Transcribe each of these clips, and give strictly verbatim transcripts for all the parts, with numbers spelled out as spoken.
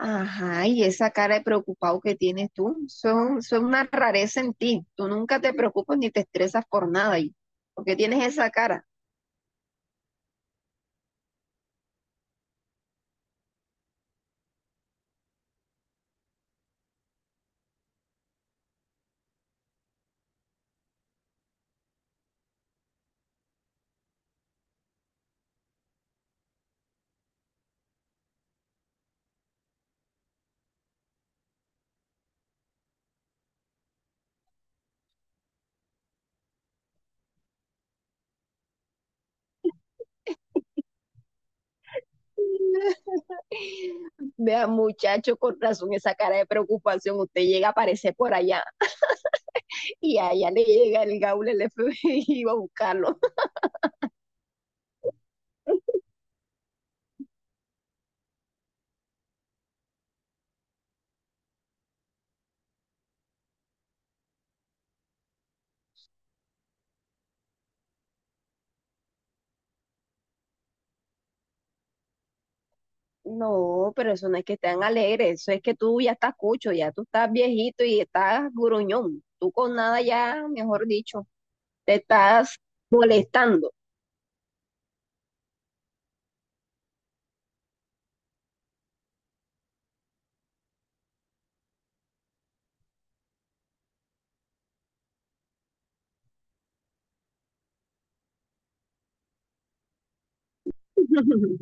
Ajá, y esa cara de preocupado que tienes tú, eso, eso es una rareza en ti. Tú nunca te preocupas ni te estresas por nada. ¿Y por qué tienes esa cara? Vea, muchacho, con razón, esa cara de preocupación. Usted llega a aparecer por allá y allá le llega el gaul, el F B I y va a buscarlo. No, pero eso no es que estén alegres, eso es que tú ya estás cucho, ya tú estás viejito y estás gruñón. Tú con nada ya, mejor dicho, te estás molestando.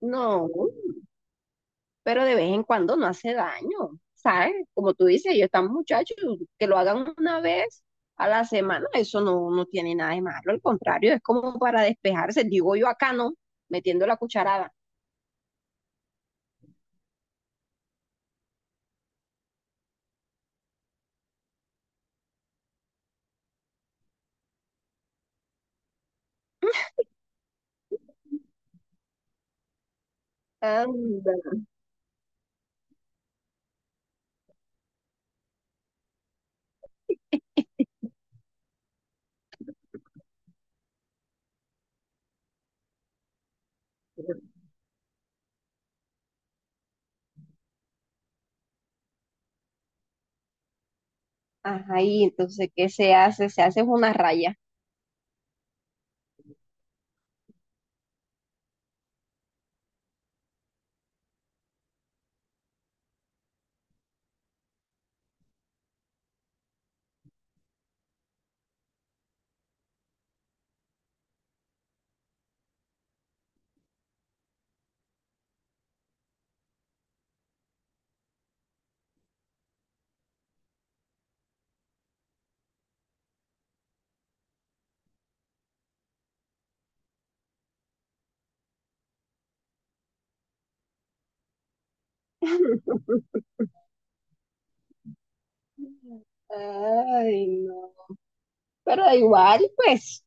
No, pero de vez en cuando no hace daño, ¿sabes? Como tú dices, ellos están muchachos, que lo hagan una vez a la semana, eso no, no tiene nada de malo, al contrario, es como para despejarse, digo yo acá no, metiendo la cucharada. Anda. Ajá, y entonces, ¿qué se hace? Se hace una raya. Ay, no. Pero igual, pues,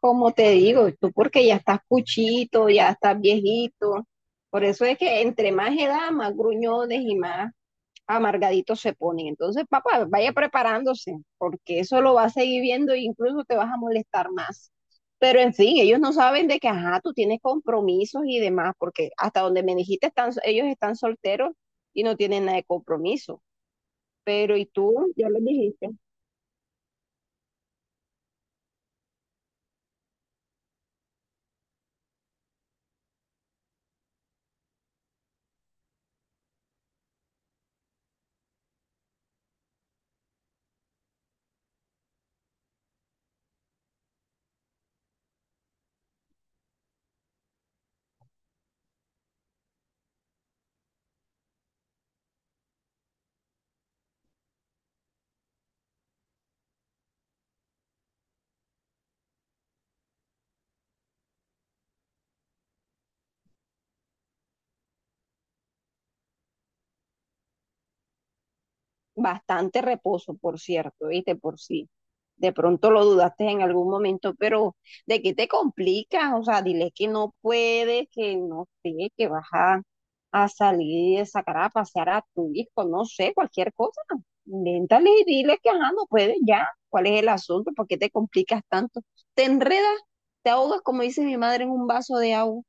como te digo, tú porque ya estás cuchito, ya estás viejito, por eso es que entre más edad, más gruñones y más amargaditos se ponen. Entonces, papá, vaya preparándose, porque eso lo vas a seguir viendo e incluso te vas a molestar más. Pero en fin, ellos no saben de que, ajá, tú tienes compromisos y demás, porque hasta donde me dijiste, están, ellos están solteros y no tienen nada de compromiso. Pero y tú, ya lo dijiste, bastante reposo, por cierto, viste, por si de pronto lo dudaste en algún momento, pero ¿de qué te complicas? O sea, dile que no puedes, que no sé, que vas a a salir, sacar a pasear a tu hijo, no sé, cualquier cosa. Invéntale y dile que ajá, no puedes ya. ¿Cuál es el asunto? ¿Por qué te complicas tanto? Te enredas, te ahogas, como dice mi madre, en un vaso de agua.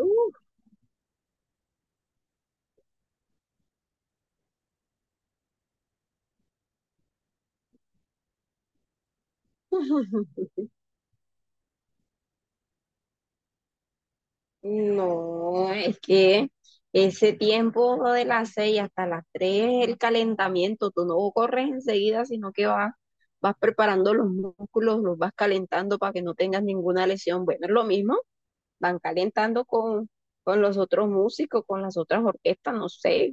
Uh, No, es que ese tiempo de las seis hasta las tres es el calentamiento. Tú no corres enseguida, sino que vas, vas preparando los músculos, los vas calentando para que no tengas ninguna lesión. Bueno, es lo mismo. Van calentando con, con los otros músicos, con las otras orquestas, no sé,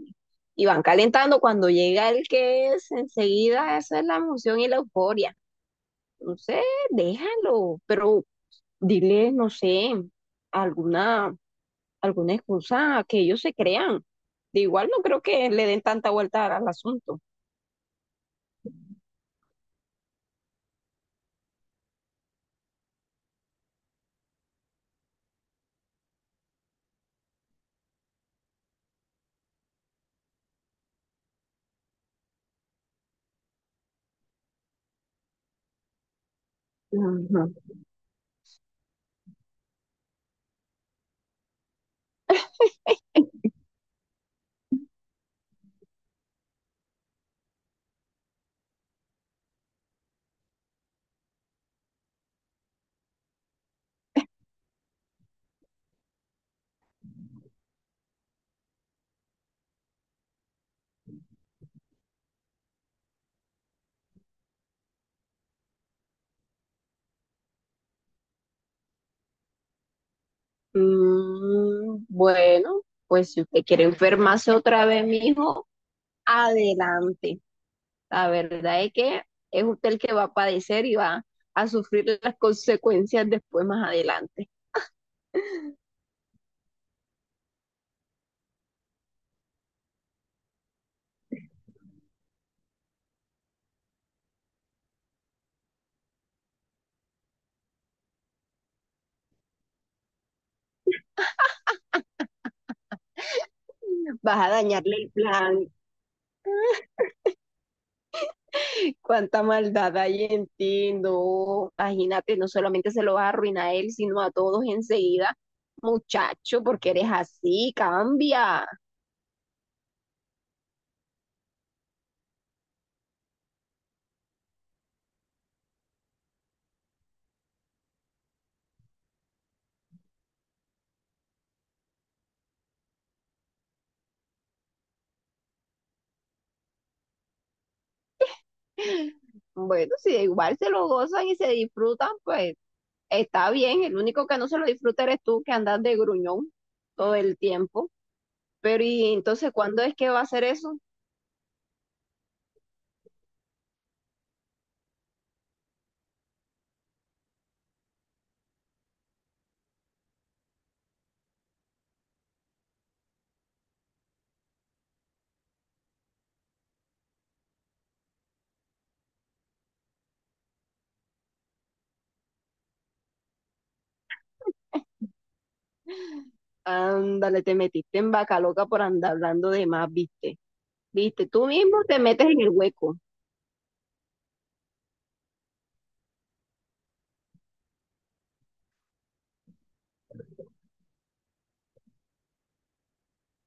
y van calentando cuando llega el que es, enseguida esa es la emoción y la euforia. No sé, déjalo, pero dile, no sé, alguna, alguna excusa que ellos se crean. De igual no creo que le den tanta vuelta al, al asunto. Ajá. Mm, bueno, pues si usted quiere enfermarse otra vez, mijo, adelante. La verdad es que es usted el que va a padecer y va a sufrir las consecuencias después más adelante. Vas a dañarle el plan. Cuánta maldad hay en ti, no. Imagínate, no solamente se lo vas a arruinar a él, sino a todos enseguida. Muchacho, porque eres así, cambia. Bueno, si de igual se lo gozan y se disfrutan, pues está bien. El único que no se lo disfruta eres tú, que andas de gruñón todo el tiempo. Pero y entonces, ¿cuándo es que va a hacer eso? Ándale, te metiste en vaca loca por andar hablando de más, ¿viste? ¿Viste? Tú mismo te metes en el hueco.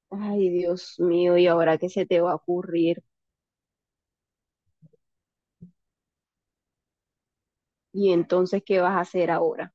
Ay, Dios mío, ¿y ahora qué se te va a ocurrir? ¿Y entonces qué vas a hacer ahora?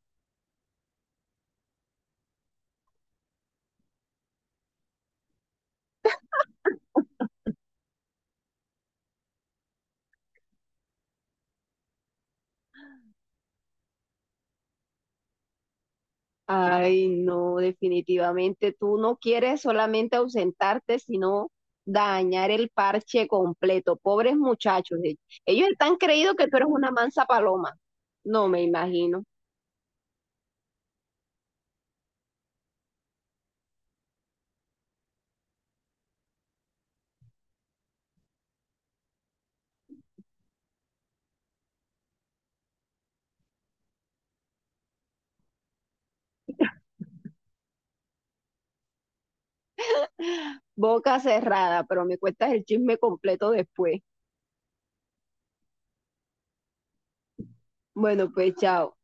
Ay, no, definitivamente tú no quieres solamente ausentarte, sino dañar el parche completo. Pobres muchachos, e- ellos están creído que tú eres una mansa paloma. No me imagino. Boca cerrada, pero me cuentas el chisme completo después. Bueno, pues chao.